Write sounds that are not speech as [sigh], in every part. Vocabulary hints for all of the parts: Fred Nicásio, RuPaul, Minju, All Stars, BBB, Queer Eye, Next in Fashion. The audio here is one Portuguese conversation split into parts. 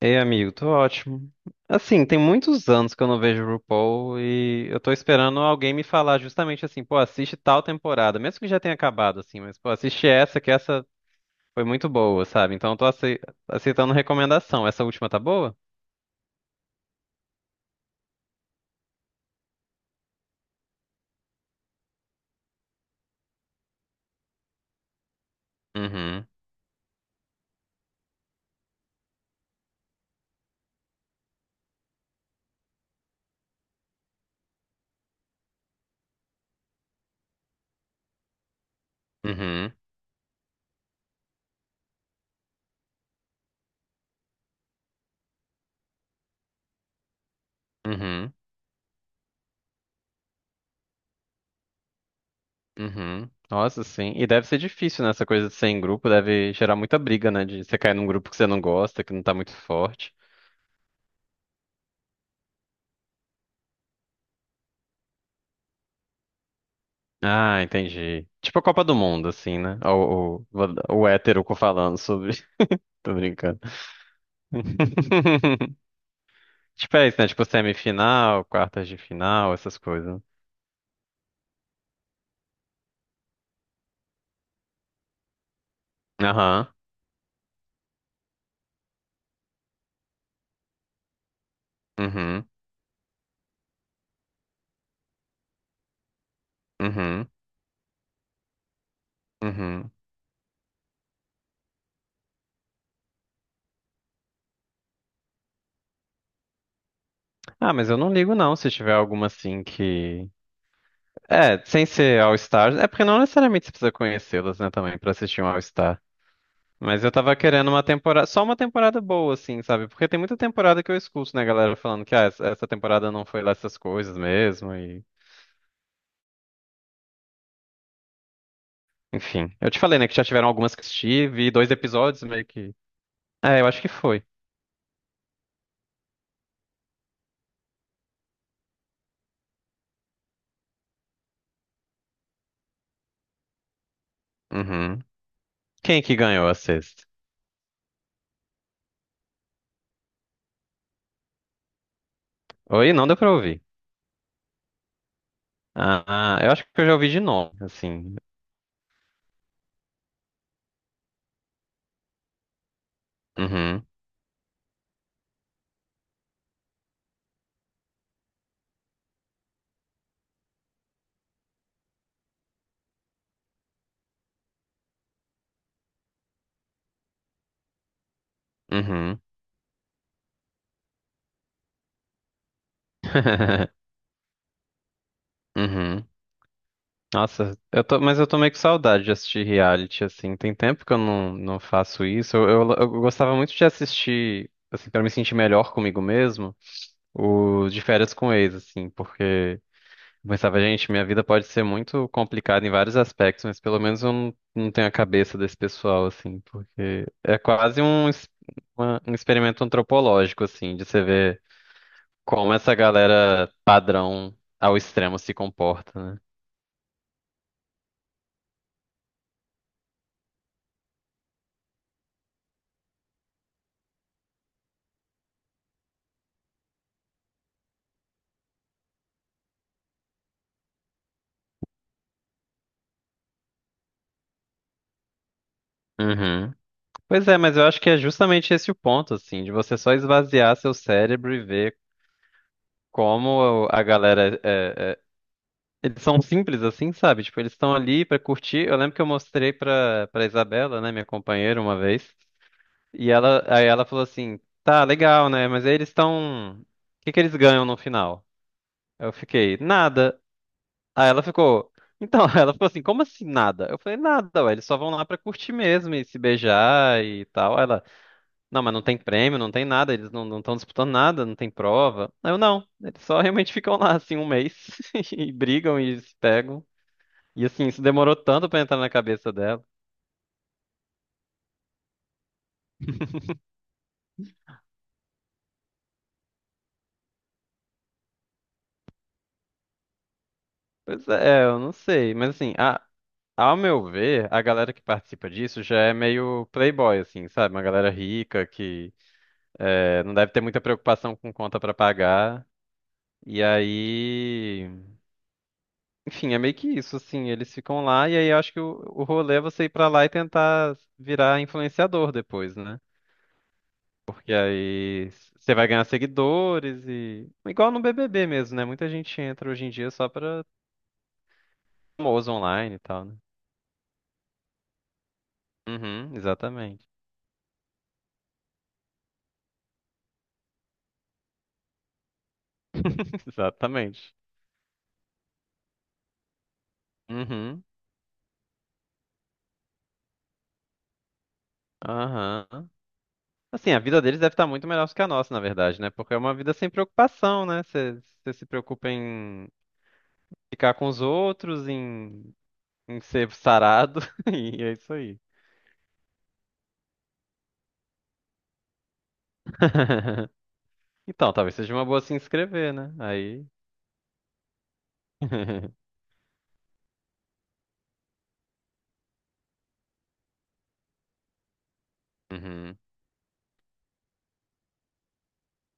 Ei, amigo, tô ótimo. Assim, tem muitos anos que eu não vejo o RuPaul e eu tô esperando alguém me falar justamente assim, pô, assiste tal temporada, mesmo que já tenha acabado, assim, mas pô, assiste essa, que essa foi muito boa, sabe? Então eu tô aceitando recomendação. Essa última tá boa? Uhum, uhum, uhum, uhum. Nossa, sim. E deve ser difícil, né? Essa coisa de ser em grupo deve gerar muita briga, né? De você cair num grupo que você não gosta, que não tá muito forte. Ah, entendi. Tipo a Copa do Mundo, assim, né? O hétero falando sobre. [laughs] Tô brincando. [laughs] Tipo, é isso, né? Tipo semifinal, quartas de final, essas coisas. Aham. Uhum. Uhum. Uhum. Ah, mas eu não ligo, não, se tiver alguma assim que. É, sem ser All Stars. É porque não necessariamente você precisa conhecê-las, né, também, pra assistir um All Star. Mas eu tava querendo uma temporada, só uma temporada boa, assim, sabe? Porque tem muita temporada que eu escuto, né, galera, falando que ah, essa temporada não foi lá essas coisas mesmo, e enfim. Eu te falei, né, que já tiveram algumas que assisti vi dois episódios meio que. É, eu acho que foi. Uhum. Quem que ganhou a sexta? Oi, não deu pra ouvir. Ah, ah, eu acho que eu já ouvi de nome, assim. Uhum, uhum. [laughs] Uhum. Nossa, eu tô, mas eu tô meio com saudade de assistir reality, assim. Tem tempo que eu não, não faço isso. Eu gostava muito de assistir, assim, pra me sentir melhor comigo mesmo, o de férias com ex, assim, porque eu pensava, gente, minha vida pode ser muito complicada em vários aspectos, mas pelo menos eu não, não tenho a cabeça desse pessoal, assim, porque é quase um, uma- um experimento antropológico, assim, de você ver como essa galera padrão ao extremo se comporta, né? Uhum. Pois é, mas eu acho que é justamente esse o ponto, assim, de você só esvaziar seu cérebro e ver como a galera é, eles são simples assim, sabe? Tipo, eles estão ali pra curtir. Eu lembro que eu mostrei pra para Isabela, né, minha companheira, uma vez, e ela aí ela falou assim: "Tá, legal, né? Mas aí eles estão o que eles ganham no final?" Eu fiquei: "Nada". Aí ela ficou. Então, [laughs] ela ficou assim, como assim nada? Eu falei, nada, ué, eles só vão lá pra curtir mesmo e se beijar e tal. Aí ela, não, mas não tem prêmio, não tem nada, eles não estão disputando nada, não tem prova. Aí eu não, eles só [laughs] realmente ficam lá assim um mês [laughs] e brigam e se pegam. E assim, isso demorou tanto pra entrar na cabeça dela. Pois é, eu não sei, mas assim, ao meu ver, a galera que participa disso já é meio playboy, assim, sabe? Uma galera rica que é, não deve ter muita preocupação com conta pra pagar. E aí. Enfim, é meio que isso, assim, eles ficam lá e aí eu acho que o rolê é você ir pra lá e tentar virar influenciador depois, né? Porque aí você vai ganhar seguidores e... Igual no BBB mesmo, né? Muita gente entra hoje em dia só pra famoso online e tal, né? Uhum, exatamente. [laughs] Exatamente. Uhum, aham. Assim, a vida deles deve estar muito melhor que a nossa, na verdade, né? Porque é uma vida sem preocupação, né? Você se preocupa em ficar com os outros, em em ser sarado, [laughs] e é isso aí. [laughs] Então, talvez seja uma boa se inscrever, né? Aí. [laughs] Uhum.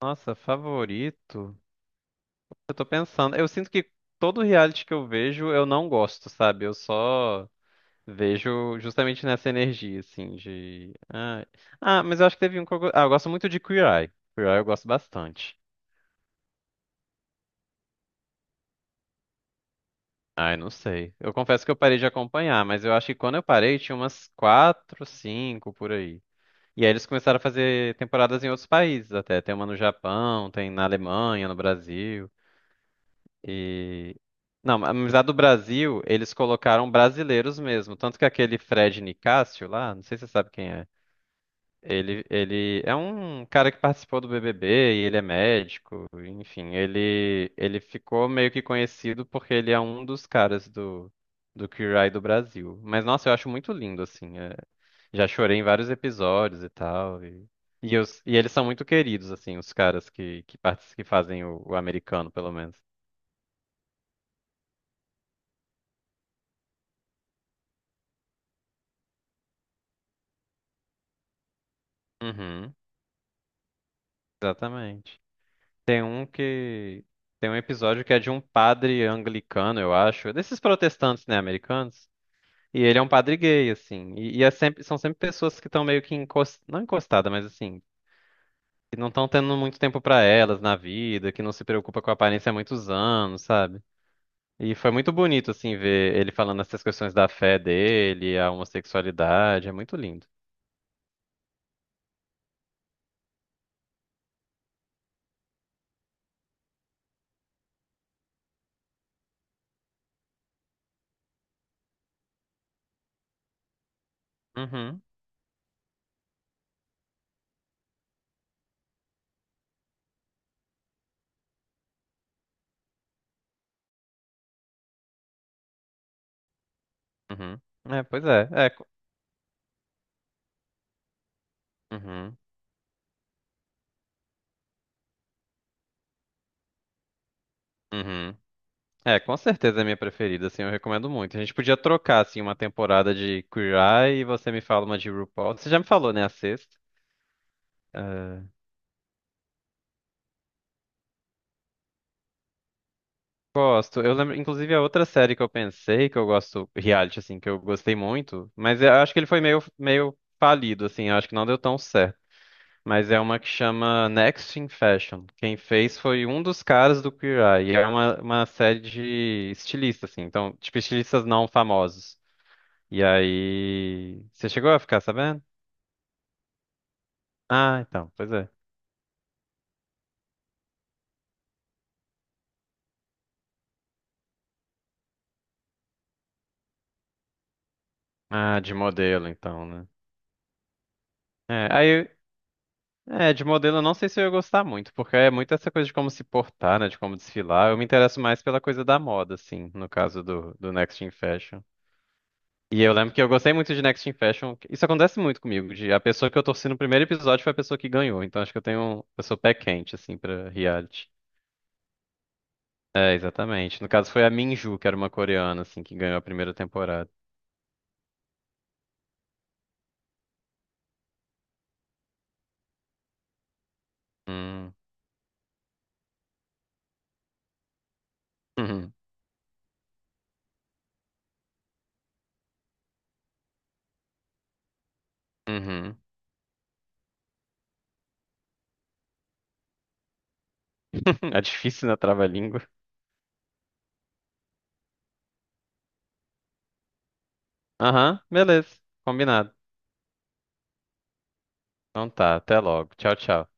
Nossa, favorito? Eu tô pensando. Eu sinto que todo reality que eu vejo eu não gosto, sabe? Eu só vejo justamente nessa energia, assim, de. Ah, ah, mas eu acho que teve um que eu... ah, eu gosto muito de Queer Eye. Queer Eye eu gosto bastante. Ai, não sei. Eu confesso que eu parei de acompanhar, mas eu acho que quando eu parei tinha umas quatro, cinco por aí. E aí eles começaram a fazer temporadas em outros países até. Tem uma no Japão, tem na Alemanha, no Brasil. E. Não, mas a do Brasil, eles colocaram brasileiros mesmo. Tanto que aquele Fred Nicásio lá, não sei se você sabe quem é. Ele é um cara que participou do BBB e ele é médico, enfim, ele ficou meio que conhecido porque ele é um dos caras do Queer Eye do Brasil. Mas, nossa, eu acho muito lindo, assim, é- já chorei em vários episódios e tal, e, e eles são muito queridos, assim, os caras que, que fazem o americano, pelo menos. Uhum, exatamente. Tem um que, tem um episódio que é de um padre anglicano, eu acho, desses protestantes, né, americanos? E ele é um padre gay, assim. E é sempre, são sempre pessoas que estão meio que encost... não encostada, mas assim, que não estão tendo muito tempo pra elas na vida, que não se preocupa com a aparência há muitos anos, sabe? E foi muito bonito, assim, ver ele falando essas questões da fé dele, a homossexualidade, é muito lindo. Uhum, uhum. É, pois é. É, co- uhum, uhum. É, com certeza é minha preferida, assim, eu recomendo muito. A gente podia trocar, assim, uma temporada de Queer Eye e você me fala uma de RuPaul. Você já me falou, né, a sexta? Ah, gosto. Eu lembro, inclusive, a outra série que eu pensei que eu gosto, reality, assim, que eu gostei muito, mas eu acho que ele foi meio, meio falido, assim, eu acho que não deu tão certo. Mas é uma que chama Next in Fashion. Quem fez foi um dos caras do Queer Eye. E é uma série de estilistas, assim. Então, tipo, estilistas não famosos. E aí. Você chegou a ficar sabendo? Ah, então, pois é. Ah, de modelo, então, né? É, aí é, de modelo eu não sei se eu ia gostar muito, porque é muito essa coisa de como se portar, né, de como desfilar. Eu me interesso mais pela coisa da moda, assim, no caso do Next in Fashion. E eu lembro que eu gostei muito de Next in Fashion. Isso acontece muito comigo, de a pessoa que eu torci no primeiro episódio foi a pessoa que ganhou. Então acho que eu tenho, um, eu sou pé quente, assim, pra reality. É, exatamente. No caso foi a Minju, que era uma coreana, assim, que ganhou a primeira temporada. Hum. Uhum. Uhum. [laughs] É difícil na trava-língua. Aham, beleza. Combinado. Então tá, até logo. Tchau, tchau.